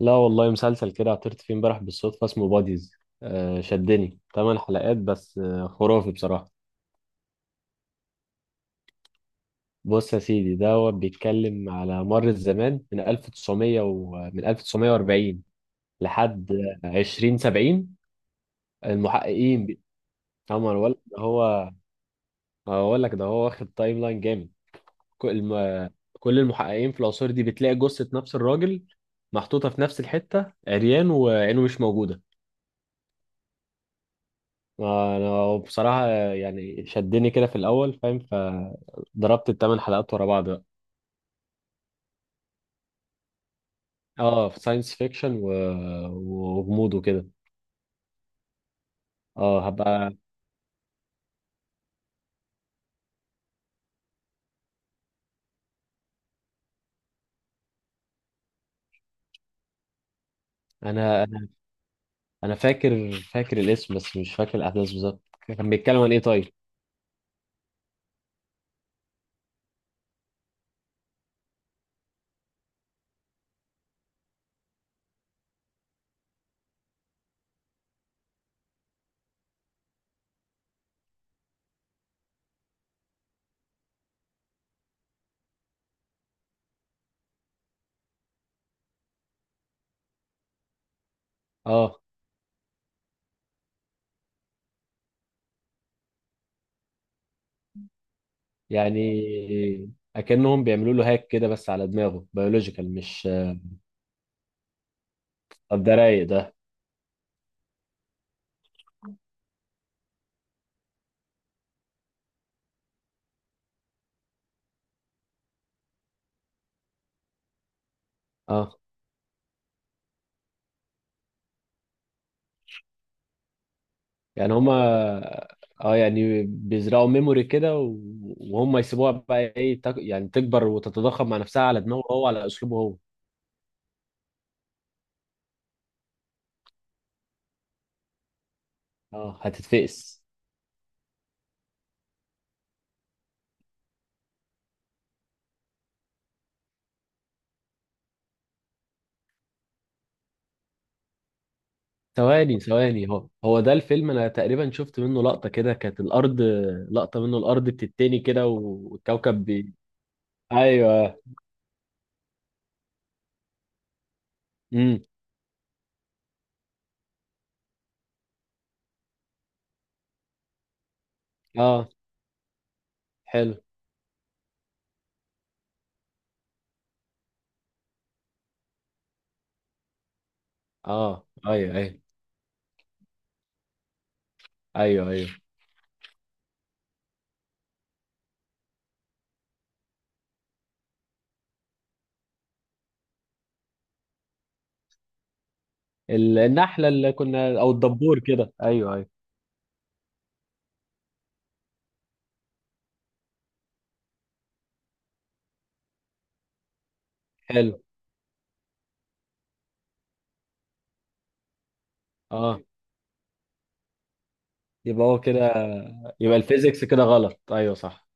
لا والله، مسلسل كده عثرت فيه امبارح بالصدفة اسمه باديز. آه شدني، 8 حلقات بس، خرافي بصراحة. بص يا سيدي دوت، بيتكلم على مر الزمان من 1900 ومن 1940 لحد 2070. المحققين عمر ولا ده هو. هقول لك ده هو واخد تايم لاين جامد. كل ما كل المحققين في العصور دي بتلاقي جثة نفس الراجل محطوطة في نفس الحتة، عريان وعينه مش موجودة. ما انا بصراحة يعني شدني كده في الاول فاهم، فضربت ال 8 حلقات ورا بعض بقى. اه، في ساينس فيكشن وغموض وكده. اه هبقى. انا انا أنا فاكر الاسم بس مش فاكر الاحداث بالظبط. كان بيتكلم عن ايه طيب؟ اه يعني اكنهم بيعملوا له هاك كده، بس على دماغه بيولوجيكال مش؟ طب ده رايق ده. اه يعني هما اه يعني بيزرعوا ميموري كده وهم يسيبوها بقى ايه، يعني تكبر وتتضخم مع نفسها على دماغه هو، على اسلوبه هو. اه، هتتفقس. ثواني ثواني، هو ده الفيلم، انا تقريبا شفت منه لقطة كده كانت الارض. لقطة منه الارض بتتني كده والكوكب ايوه. امم. اه. حلو. اه ايوه ايوه. ايوه ايوه. النحلة اللي كنا، او الدبور كده، ايوه ايوه. حلو. اه، يبقى هو كده. يبقى الفيزيكس كده غلط، ايوه صح.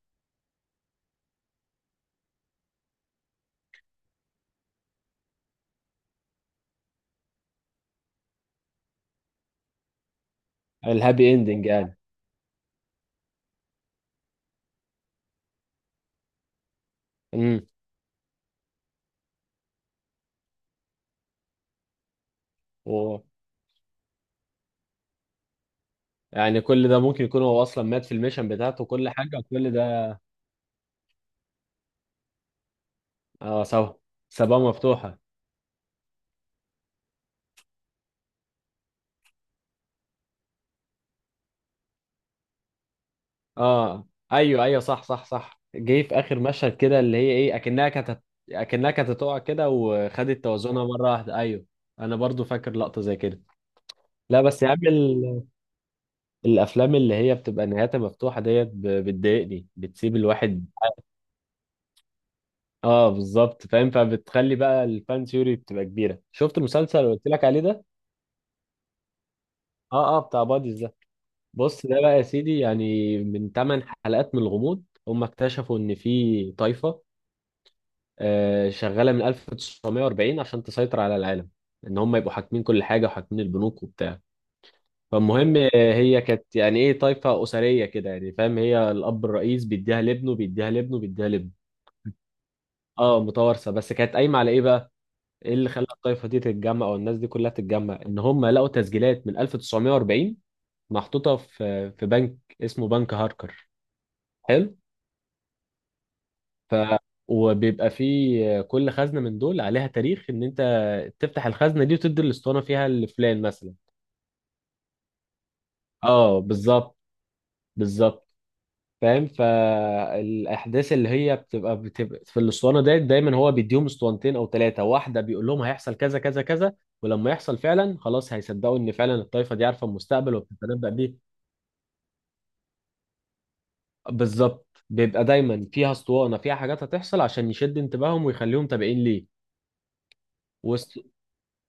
الهابي اندنج يعني. امم. و... يعني كل ده ممكن يكون هو اصلا مات في الميشن بتاعته، وكل حاجه وكل ده. اه سوا. سبابه مفتوحه. اه ايوه ايوه، صح صح صح، جه في اخر مشهد كده اللي هي ايه، اكنها كانت، اكنها كانت هتقع كده وخدت توازنها مره واحده، ايوه. انا برضو فاكر لقطه زي كده. لا بس يا عم، الافلام اللي هي بتبقى نهايتها مفتوحه ديت بتضايقني، بتسيب الواحد. اه بالظبط، فاهم، فبتخلي بقى الفان ثيوري بتبقى كبيره. شفت المسلسل اللي قلت لك عليه ده؟ اه اه، بتاع باديز ده. بص، ده بقى يا سيدي يعني من 8 حلقات من الغموض هم اكتشفوا ان في طائفه آه، شغاله من 1940 عشان تسيطر على العالم، ان هم يبقوا حاكمين كل حاجه، وحاكمين البنوك وبتاع. فالمهم آه، هي كانت يعني ايه، طائفه اسريه كده يعني فاهم، هي الاب الرئيس بيديها لابنه بيديها لابنه بيديها لابنه. اه متوارثه. بس كانت قايمه على ايه بقى؟ ايه اللي خلى الطائفه دي تتجمع، او الناس دي كلها تتجمع؟ ان هم لقوا تسجيلات من 1940 محطوطه في بنك اسمه بنك هاركر. حلو. ف. وبيبقى فيه كل خزنه من دول عليها تاريخ، ان انت تفتح الخزنه دي وتدي الاسطوانه فيها لفلان مثلا. اه بالظبط، بالظبط. فاهم؟ فالاحداث اللي هي بتبقى في الاسطوانه ديت، دايما هو بيديهم اسطوانتين او ثلاثه، واحده بيقول لهم هيحصل كذا كذا كذا، ولما يحصل فعلا خلاص هيصدقوا ان فعلا الطائفه دي عارفه المستقبل وبتتنبأ بيه. بالظبط، بيبقى دايما فيها اسطوانه فيها حاجات هتحصل عشان يشد انتباههم ويخليهم تابعين ليه. وست...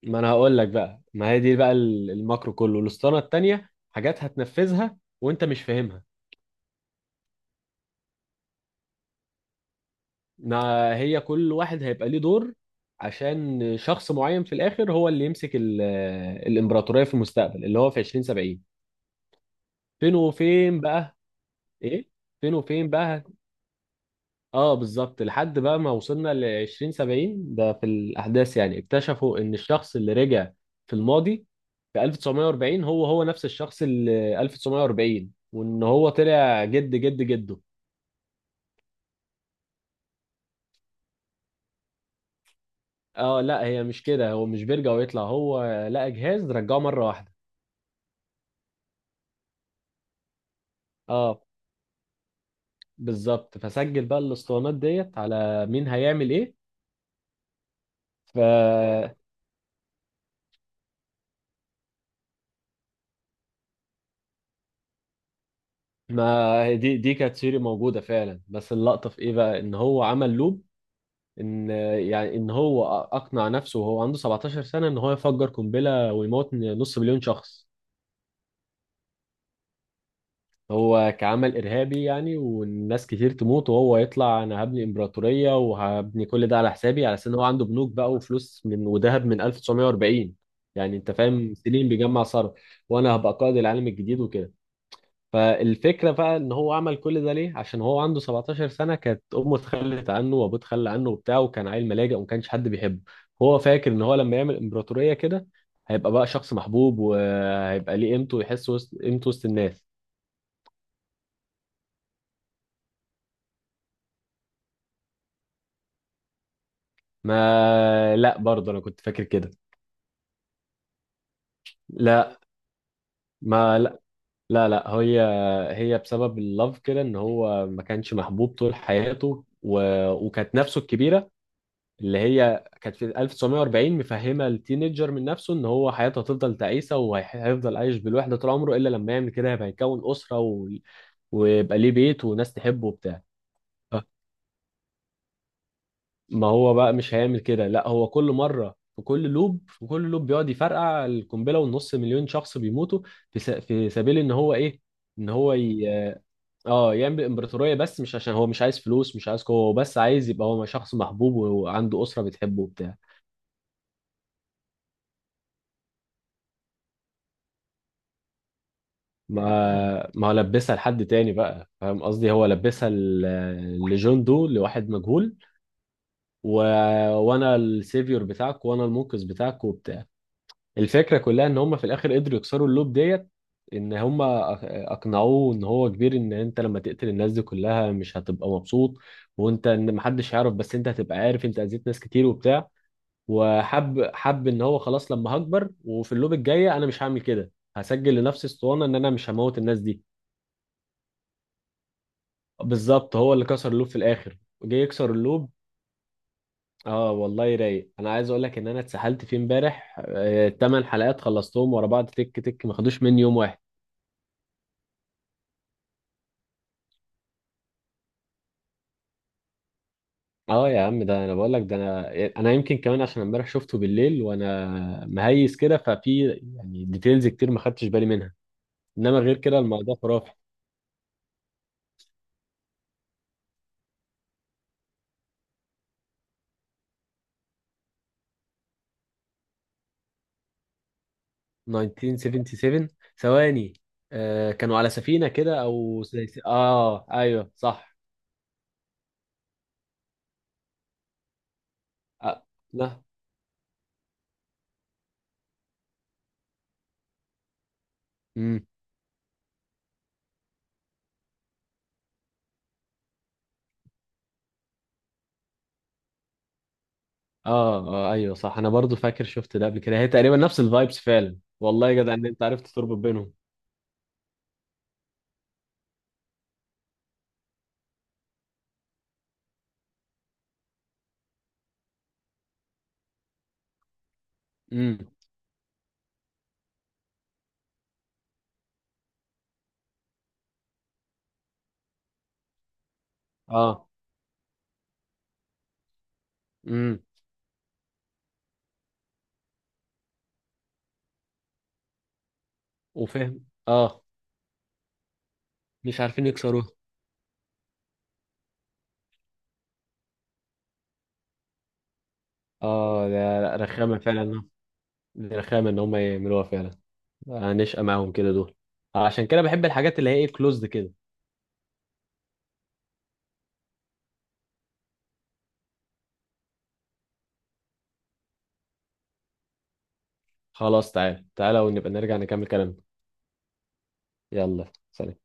ما انا هقول لك بقى، ما هي دي بقى الماكرو كله. الاسطوانه التانيه حاجات هتنفذها وانت مش فاهمها. ما هي كل واحد هيبقى ليه دور عشان شخص معين في الاخر هو اللي يمسك الامبراطوريه في المستقبل اللي هو في 2070. فين وفين بقى؟ ايه. فين وفين بقى. اه بالظبط، لحد بقى ما وصلنا ل 2070 ده في الاحداث، يعني اكتشفوا ان الشخص اللي رجع في الماضي في 1940 هو نفس الشخص اللي 1940، وان هو طلع جد جد جده. اه لا، هي مش كده، هو مش بيرجع ويطلع، هو لقى جهاز رجعه مره واحده. اه بالظبط، فسجل بقى الاسطوانات ديت على مين هيعمل ايه. فما دي كانت سيري موجوده فعلا، بس اللقطه في ايه بقى، ان هو عمل لوب. ان يعني ان هو اقنع نفسه وهو عنده 17 سنه ان هو يفجر قنبله ويموت نص مليون شخص. هو كعمل ارهابي يعني، والناس كتير تموت، وهو يطلع انا هبني امبراطوريه، وهبني كل ده على حسابي، على اساس ان هو عنده بنوك بقى وفلوس من، وذهب من 1940. يعني انت فاهم، سنين بيجمع صرف. وانا هبقى قائد العالم الجديد وكده. فالفكرة بقى ان هو عمل كل ده ليه؟ عشان هو عنده 17 سنة كانت امه اتخلت عنه وابوه اتخلى عنه وبتاع، وكان عيل ملاجئ وما كانش حد بيحبه. هو فاكر ان هو لما يعمل امبراطورية كده هيبقى بقى شخص محبوب، وهيبقى ليه قيمته، ويحس وسط قيمته وسط الناس. ما لا برضه انا كنت فاكر كده. لا. ما لا. لا لا. هي هي بسبب اللف كده، ان هو ما كانش محبوب طول حياته وكانت نفسه الكبيرة اللي هي كانت في 1940 مفهمه التينيجر من نفسه ان هو حياته هتفضل تعيسه وهيفضل عايش بالوحده طول عمره، الا لما يعمل كده هيبقى يكون اسره ويبقى ليه بيت وناس تحبه وبتاع. آه. ما هو بقى مش هيعمل كده، لا هو كل مره في كل لوب، بيقعد يفرقع القنبله، والنص مليون شخص بيموتوا. في سبيل ان هو ايه؟ ان هو ي... اه يعمل امبراطوريه، بس مش عشان هو مش عايز فلوس، مش عايز قوه، هو بس عايز يبقى هو شخص محبوب وعنده اسره بتحبه وبتاع. ما هو لبسها لحد تاني بقى، فاهم قصدي، هو لبسها لجون دو، لواحد مجهول و... وانا السيفيور بتاعك، وانا المنقذ بتاعك وبتاع. الفكره كلها ان هم في الاخر قدروا يكسروا اللوب ديت، ان هم أق- اقنعوه ان هو كبير، ان انت لما تقتل الناس دي كلها مش هتبقى مبسوط. وانت، ان محدش هيعرف بس انت هتبقى عارف، انت اذيت ناس كتير وبتاع. وحب ان هو خلاص لما هكبر وفي اللوب الجايه انا مش هعمل كده، هسجل لنفسي اسطوانه ان انا مش هموت الناس دي. بالظبط، هو اللي كسر اللوب في الاخر. جه يكسر اللوب. اه والله رايق، انا عايز اقول لك ان انا اتسحلت فيه امبارح، ال 8 حلقات خلصتهم ورا بعض تك تك، ما خدوش مني يوم واحد. اه يا عم، ده انا بقول لك ده. انا يمكن كمان عشان امبارح شفته بالليل وانا مهيس كده، ففي يعني ديتيلز كتير ما خدتش بالي منها، انما غير كده الموضوع خرافي. 1977، ثواني. آه كانوا على سفينة كده، اه ايوه صح. آه. لا. اه اه ايوه صح، انا برضو فاكر شفت ده قبل كده، هي تقريبا نفس الفايبس فعلا، والله يا جدع ان انت عرفت تربط بينهم. امم. اه. امم. وفهم اه. مش عارفين يكسروها. اه ده، لا، رخامه فعلا. دي رخامه ان هم يعملوها فعلا. هنشقى معاهم كده دول. عشان كده بحب الحاجات اللي هي ايه، كلوزد كده. خلاص تعال تعالى ونبقى نرجع نكمل كلامنا. يلا، سلام.